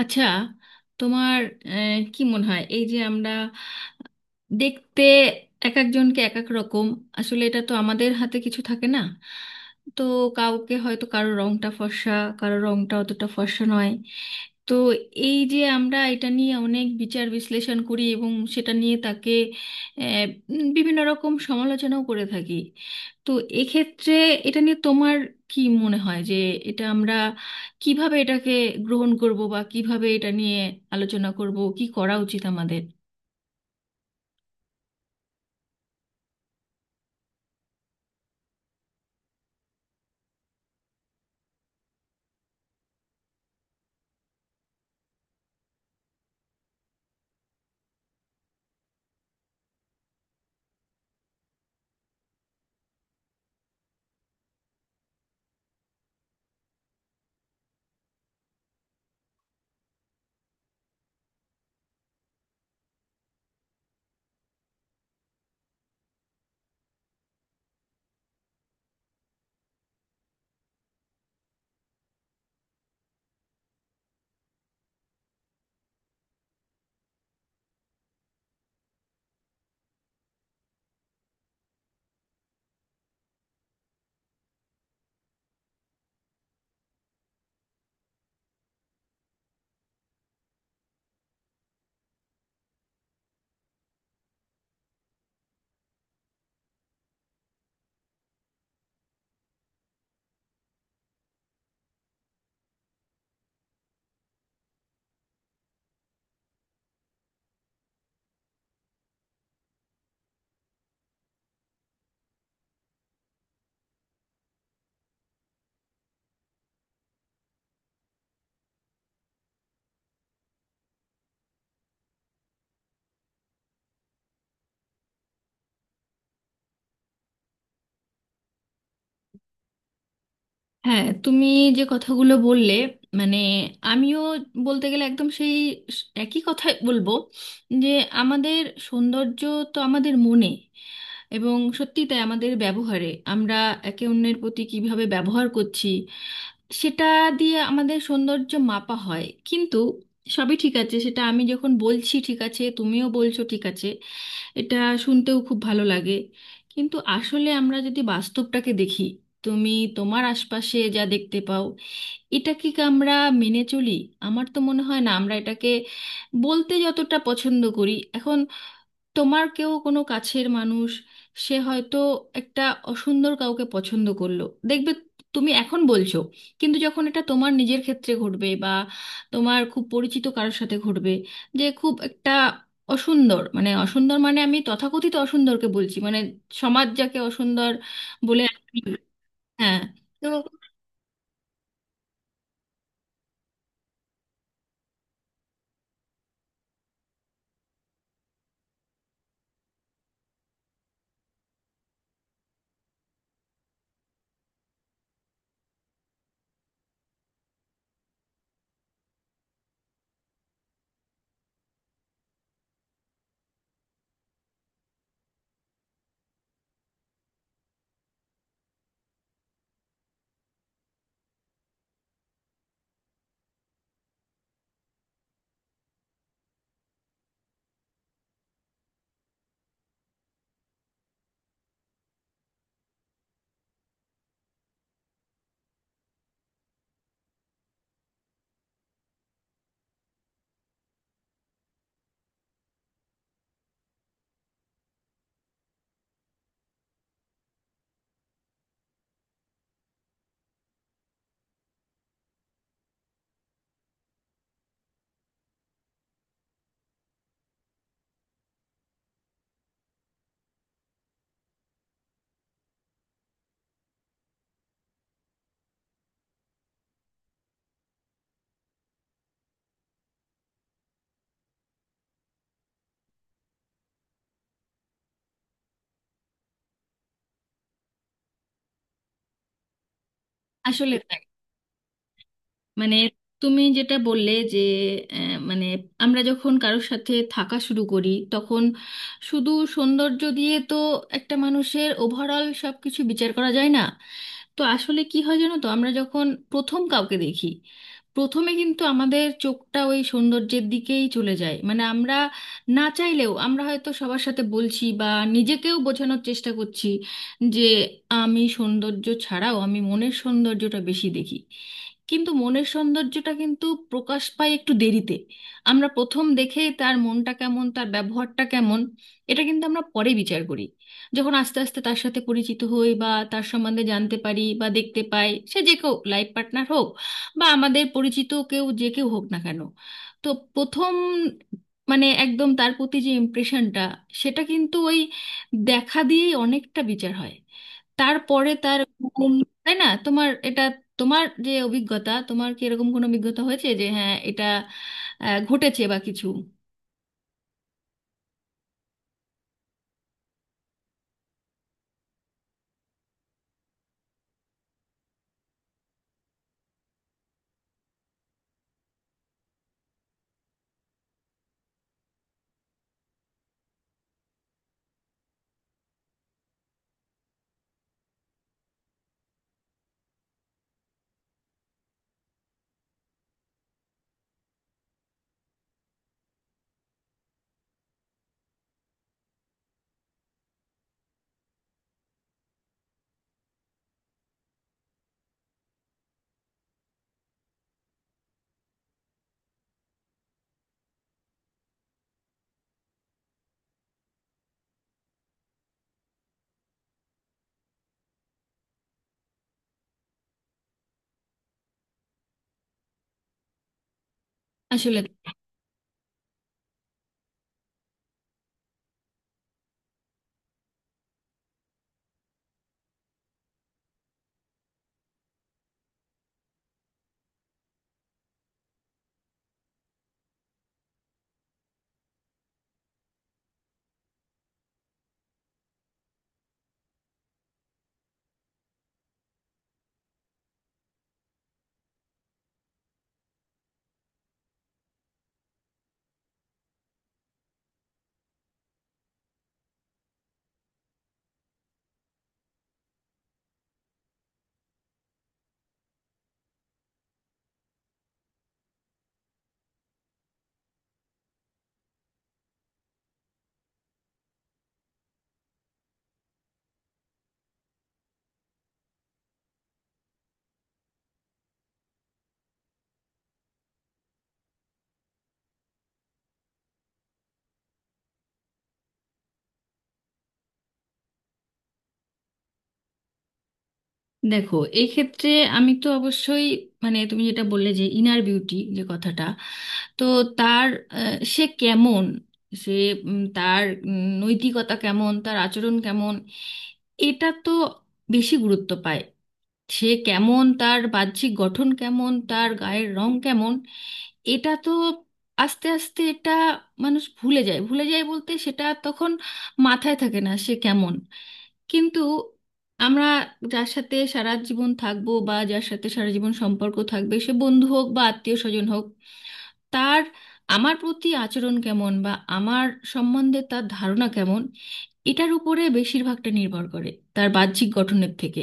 আচ্ছা, তোমার কি মনে হয়, এই যে আমরা দেখতে এক একজনকে এক এক রকম? আসলে এটা তো আমাদের হাতে কিছু থাকে না। তো কাউকে হয়তো, কারো রংটা ফর্সা, কারো রংটা অতটা ফর্সা নয়। তো এই যে আমরা এটা নিয়ে অনেক বিচার বিশ্লেষণ করি এবং সেটা নিয়ে তাকে আহ, বিভিন্ন রকম সমালোচনাও করে থাকি। তো এক্ষেত্রে এটা নিয়ে তোমার কি মনে হয় যে এটা আমরা কিভাবে এটাকে গ্রহণ করব, বা কিভাবে এটা নিয়ে আলোচনা করব, কি করা উচিত আমাদের? হ্যাঁ, তুমি যে কথাগুলো বললে, মানে আমিও বলতে গেলে একদম সেই একই কথাই বলবো যে আমাদের সৌন্দর্য তো আমাদের মনে, এবং সত্যি তাই, আমাদের ব্যবহারে আমরা একে অন্যের প্রতি কিভাবে ব্যবহার করছি সেটা দিয়ে আমাদের সৌন্দর্য মাপা হয়। কিন্তু সবই ঠিক আছে, সেটা আমি যখন বলছি ঠিক আছে, তুমিও বলছো ঠিক আছে, এটা শুনতেও খুব ভালো লাগে। কিন্তু আসলে আমরা যদি বাস্তবটাকে দেখি, তুমি তোমার আশপাশে যা দেখতে পাও, এটা কি আমরা মেনে চলি? আমার তো মনে হয় না আমরা এটাকে বলতে যতটা পছন্দ করি। এখন তোমার কেউ কোনো কাছের মানুষ, সে হয়তো একটা অসুন্দর কাউকে পছন্দ করলো, দেখবে তুমি এখন বলছো, কিন্তু যখন এটা তোমার নিজের ক্ষেত্রে ঘটবে বা তোমার খুব পরিচিত কারোর সাথে ঘটবে, যে খুব একটা অসুন্দর, মানে অসুন্দর মানে আমি তথাকথিত অসুন্দরকে বলছি, মানে সমাজ যাকে অসুন্দর বলে। হ্যাঁ, তো আসলে তাই। মানে তুমি যেটা বললে যে মানে আমরা যখন কারোর সাথে থাকা শুরু করি তখন শুধু সৌন্দর্য দিয়ে তো একটা মানুষের ওভারঅল সব কিছু বিচার করা যায় না। তো আসলে কি হয় জানো তো, আমরা যখন প্রথম কাউকে দেখি, প্রথমে কিন্তু আমাদের চোখটা ওই সৌন্দর্যের দিকেই চলে যায়। মানে আমরা না চাইলেও, আমরা হয়তো সবার সাথে বলছি বা নিজেকেও বোঝানোর চেষ্টা করছি যে আমি সৌন্দর্য ছাড়াও, আমি মনের সৌন্দর্যটা বেশি দেখি। কিন্তু মনের সৌন্দর্যটা কিন্তু প্রকাশ পায় একটু দেরিতে। আমরা প্রথম দেখে তার মনটা কেমন, তার ব্যবহারটা কেমন, এটা কিন্তু আমরা পরে বিচার করি, যখন আস্তে আস্তে তার সাথে পরিচিত হই বা তার সম্বন্ধে জানতে পারি বা দেখতে পাই, সে যে কেউ, লাইফ পার্টনার হোক বা আমাদের পরিচিত কেউ, যে কেউ হোক না কেন। তো প্রথম, মানে একদম তার প্রতি যে ইমপ্রেশনটা, সেটা কিন্তু ওই দেখা দিয়েই অনেকটা বিচার হয়। তারপরে তার উম, তাই না? তোমার এটা, তোমার যে অভিজ্ঞতা, তোমার কি এরকম কোনো অভিজ্ঞতা হয়েছে যে হ্যাঁ, এটা ঘটেছে বা কিছু? আসলে দেখো, এই ক্ষেত্রে আমি তো অবশ্যই, মানে তুমি যেটা বললে যে ইনার বিউটি, যে কথাটা, তো তার সে কেমন, সে তার নৈতিকতা কেমন, তার আচরণ কেমন, এটা তো বেশি গুরুত্ব পায়। সে কেমন, তার বাহ্যিক গঠন কেমন, তার গায়ের রং কেমন, এটা তো আস্তে আস্তে এটা মানুষ ভুলে যায়। ভুলে যায় বলতে সেটা তখন মাথায় থাকে না সে কেমন। কিন্তু আমরা যার সাথে সারা জীবন থাকবো বা যার সাথে সারা জীবন সম্পর্ক থাকবে, সে বন্ধু হোক বা আত্মীয় স্বজন হোক, তার আমার প্রতি আচরণ কেমন বা আমার সম্বন্ধে তার ধারণা কেমন, এটার উপরে বেশিরভাগটা নির্ভর করে, তার বাহ্যিক গঠনের থেকে।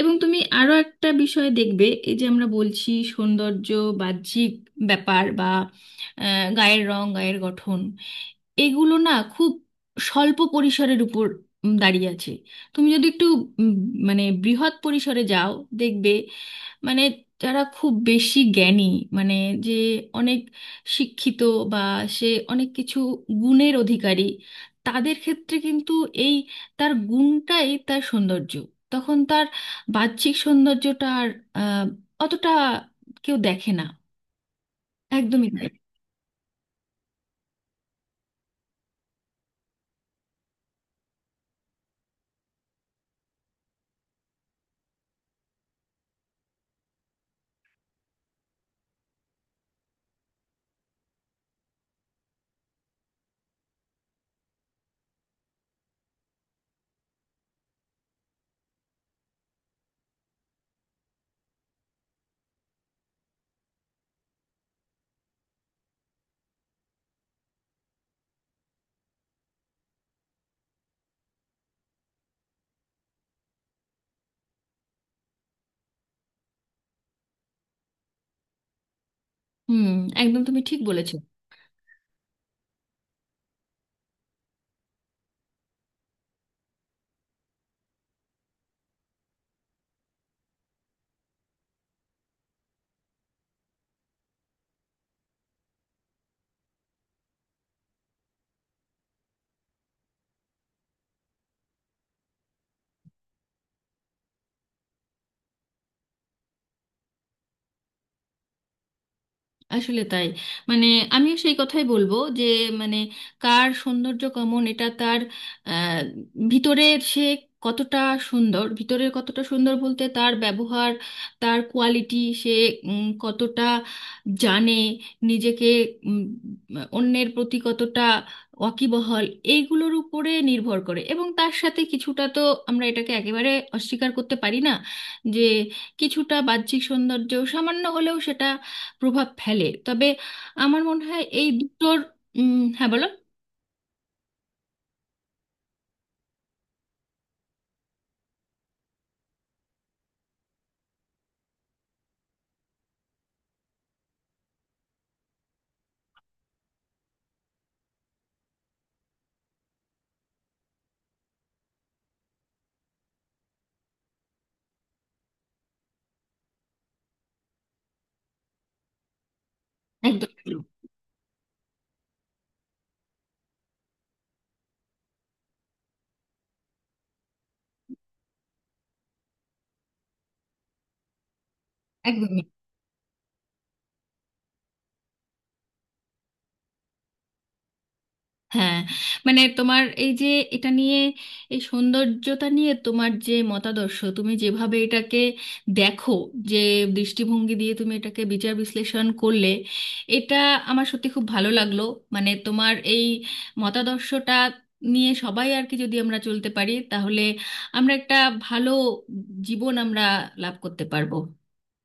এবং তুমি আরো একটা বিষয় দেখবে, এই যে আমরা বলছি সৌন্দর্য, বাহ্যিক ব্যাপার বা গায়ের রং, গায়ের গঠন, এগুলো না খুব স্বল্প পরিসরের উপর দাঁড়িয়ে আছে। তুমি যদি একটু উম, মানে বৃহৎ পরিসরে যাও, দেখবে মানে যারা খুব বেশি জ্ঞানী, মানে যে অনেক শিক্ষিত বা সে অনেক কিছু গুণের অধিকারী, তাদের ক্ষেত্রে কিন্তু এই তার গুণটাই তার সৌন্দর্য। তখন তার বাহ্যিক সৌন্দর্যটা আর আহ, অতটা কেউ দেখে না। একদমই তাই। হুম, একদম তুমি ঠিক বলেছ। আসলে তাই। মানে আমিও সেই কথাই বলবো যে, মানে কার সৌন্দর্য কেমন, এটা তার আহ, ভিতরের সে কতটা সুন্দর। ভিতরের কতটা সুন্দর বলতে তার ব্যবহার, তার কোয়ালিটি, সে কতটা জানে নিজেকে, উম, অন্যের প্রতি কতটা ওয়াকিবহাল, এইগুলোর উপরে নির্ভর করে। এবং তার সাথে কিছুটা তো, আমরা এটাকে একেবারে অস্বীকার করতে পারি না যে কিছুটা বাহ্যিক সৌন্দর্য সামান্য হলেও সেটা প্রভাব ফেলে। তবে আমার মনে হয় এই দুটোর হ্যাঁ, বলো। একদম, একদমই, হ্যাঁ। মানে তোমার এই যে এটা নিয়ে, এই সৌন্দর্যতা নিয়ে তোমার যে মতাদর্শ, তুমি যেভাবে এটাকে দেখো, যে দৃষ্টিভঙ্গি দিয়ে তুমি এটাকে বিচার বিশ্লেষণ করলে, এটা আমার সত্যি খুব ভালো লাগলো। মানে তোমার এই মতাদর্শটা নিয়ে সবাই আর কি যদি আমরা চলতে পারি, তাহলে আমরা একটা ভালো জীবন আমরা লাভ করতে পারবো।